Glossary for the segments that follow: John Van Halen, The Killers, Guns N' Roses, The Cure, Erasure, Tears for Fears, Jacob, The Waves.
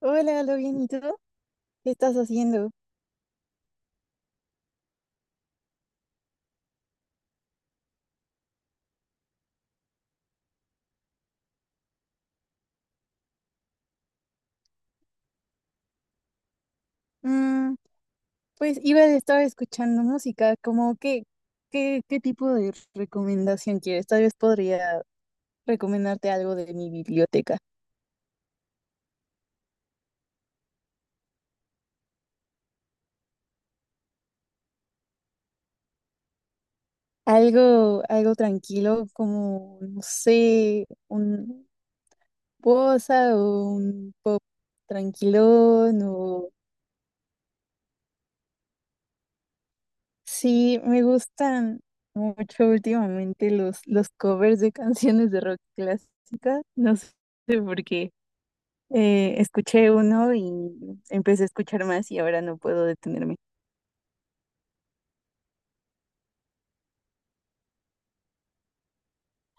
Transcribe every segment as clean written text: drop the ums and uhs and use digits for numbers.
Hola, ¿lo bien? ¿Y tú? ¿Qué estás haciendo? Mm, pues iba a estar escuchando música, como qué, qué tipo de recomendación quieres. Tal vez podría recomendarte algo de mi biblioteca. Algo tranquilo, como, no sé, un bossa o un pop tranquilón o... Sí, me gustan mucho últimamente los covers de canciones de rock clásica. No sé por qué. Escuché uno y empecé a escuchar más y ahora no puedo detenerme.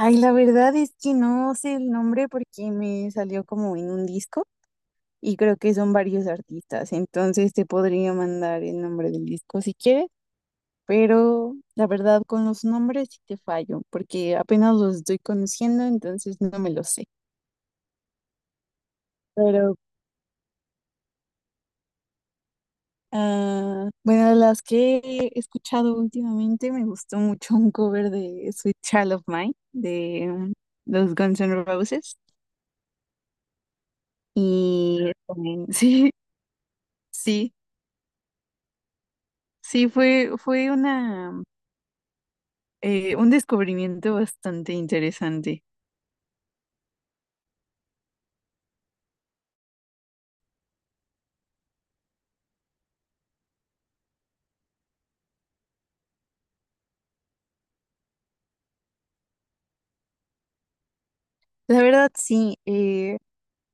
Ay, la verdad es que no sé el nombre porque me salió como en un disco y creo que son varios artistas, entonces te podría mandar el nombre del disco si quieres, pero la verdad con los nombres sí te fallo porque apenas los estoy conociendo, entonces no me los sé. Pero ah, bueno, de las que he escuchado últimamente me gustó mucho un cover de Sweet Child of Mine de los Guns N' Roses y sí, sí, sí, fue una un descubrimiento bastante interesante. La verdad sí, eh,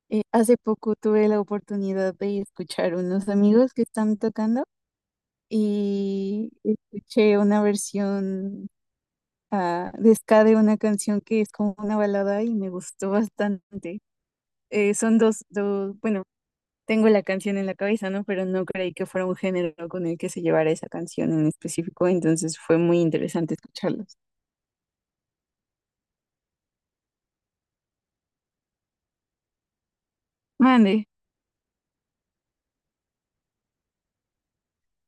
eh, hace poco tuve la oportunidad de escuchar unos amigos que están tocando y escuché una versión a Desca de una canción que es como una balada y me gustó bastante. Son dos, bueno, tengo la canción en la cabeza, ¿no? Pero no creí que fuera un género con el que se llevara esa canción en específico, entonces fue muy interesante escucharlos. Mande,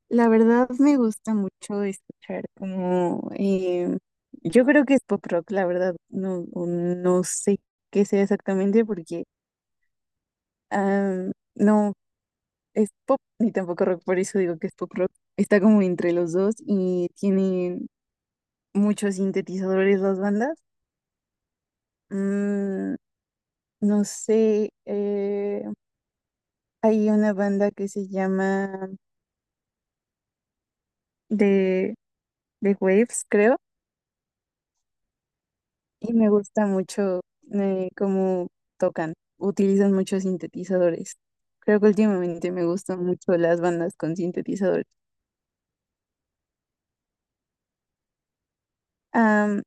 la verdad me gusta mucho escuchar como, yo creo que es pop rock, la verdad, no, o no sé qué sea exactamente porque... ah, no, es pop ni tampoco rock, por eso digo que es pop rock. Está como entre los dos y tienen muchos sintetizadores las bandas. Mm, no sé, hay una banda que se llama The, The Waves, creo, y me gusta mucho cómo tocan. Utilizan muchos sintetizadores. Creo que últimamente me gustan mucho las bandas con sintetizadores. Am,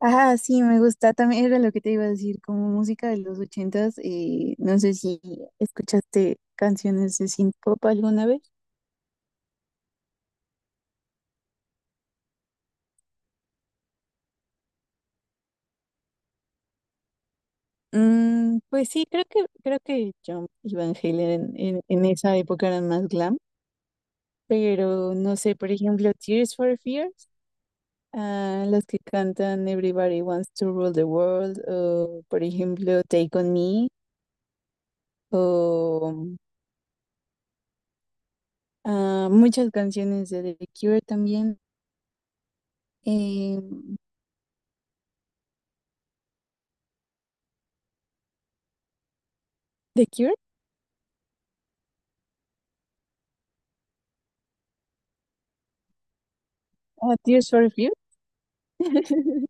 Ah, sí, me gusta. También era lo que te iba a decir, como música de los ochentas. No sé si escuchaste canciones de synth-pop alguna vez. Mm, pues sí, creo que John y Van Halen en esa época eran más glam, pero no sé, por ejemplo, Tears for Fears, ah, las que cantan Everybody Wants to Rule the World, o por ejemplo Take on Me, o ah, muchas canciones de The Cure también. em, ¿The Cure? Ah, Tears for Fears.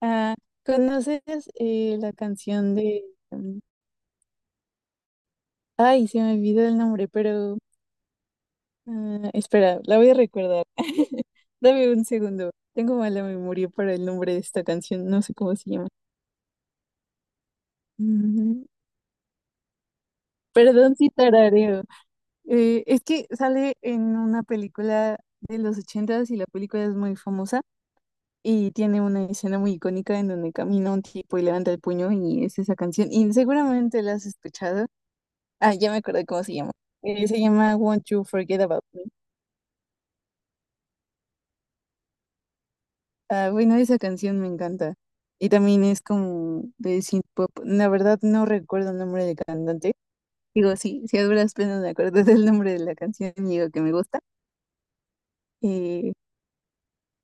Ah, ¿conoces la canción de... mm, ay, se me olvidó el nombre, pero... ah, espera, la voy a recordar. Dame un segundo. Tengo mala memoria para el nombre de esta canción. No sé cómo se llama. Mm, perdón si tarareo. Es que sale en una película de los ochentas y la película es muy famosa y tiene una escena muy icónica en donde camina un tipo y levanta el puño y es esa canción. Y seguramente la has escuchado. Ah, ya me acordé cómo se llama. Se llama Won't You Forget About Me. Ah, bueno, esa canción me encanta. Y también es como de synth pop. La verdad no recuerdo el nombre del cantante. Digo, sí, si a duras penas me acuerdo del nombre de la canción y digo que me gusta. Eh,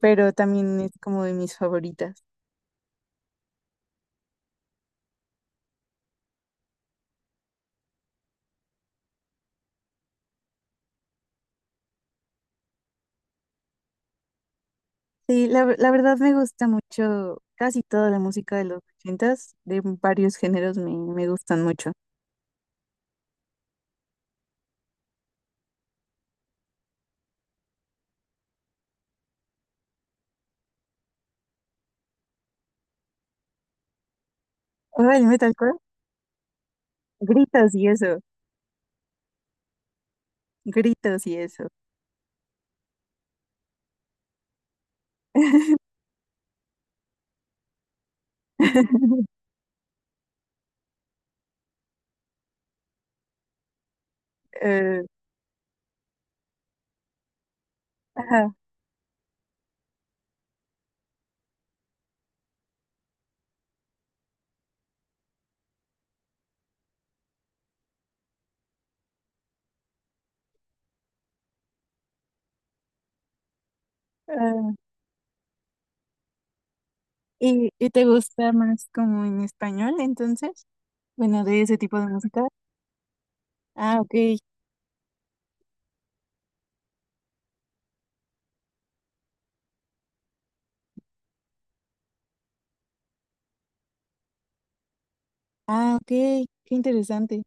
pero también es como de mis favoritas. Sí, la verdad me gusta mucho casi toda la música de los ochentas, de varios géneros me gustan mucho. Oh, el metalcore, gritos y eso, gritos y eso. Eh, ajá, ah, ¿y, y te gusta más como en español, entonces? Bueno, de ese tipo de música. Ah, ok. Ah, ok. Qué interesante.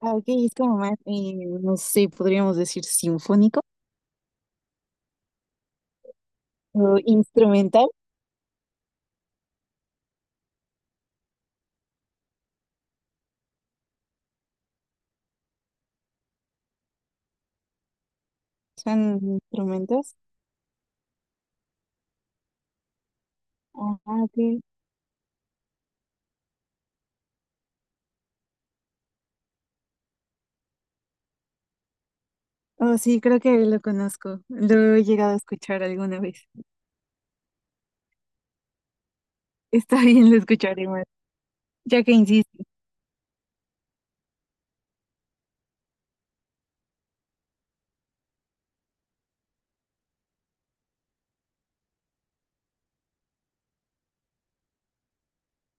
Ah, ok. Es como más, no sé, podríamos decir sinfónico o instrumental. Son instrumentos. Ah, ok. Oh, sí, creo que lo conozco. Lo he llegado a escuchar alguna vez. Está bien, lo escucharé más, ya que insiste.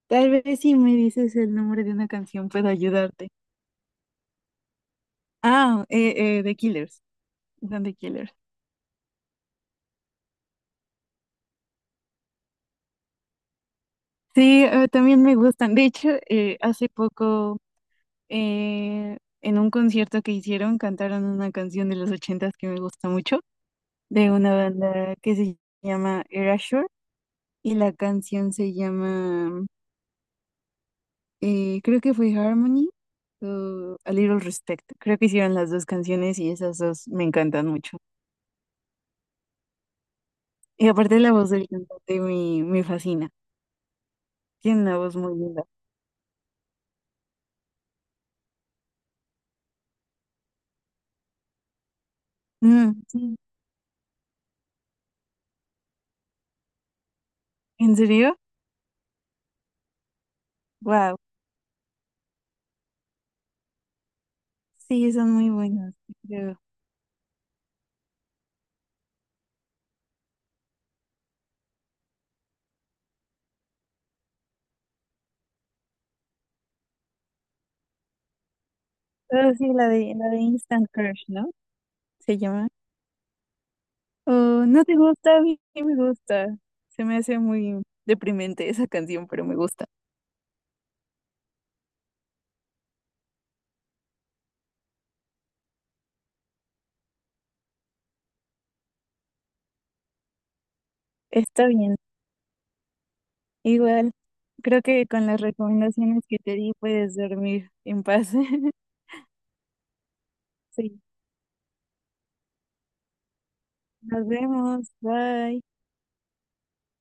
Tal vez si me dices el nombre de una canción puedo ayudarte. Ah, The Killers. Dante Killer. Sí, también me gustan. De hecho, hace poco en un concierto que hicieron cantaron una canción de los ochentas que me gusta mucho, de una banda que se llama Erasure y la canción se llama, creo que fue Harmony o A Little Respect. Creo que hicieron las dos canciones y esas dos me encantan mucho. Y aparte la voz del cantante me fascina. Tiene una voz muy linda. Mm, sí. ¿En serio? Wow. Sí, son muy buenos, creo. Oh, sí, la de Instant Crush, ¿no? Se llama. Oh, no te gusta, a mí sí me gusta. Se me hace muy deprimente esa canción, pero me gusta. Está bien. Igual, creo que con las recomendaciones que te di puedes dormir en paz. Sí, nos vemos. Bye.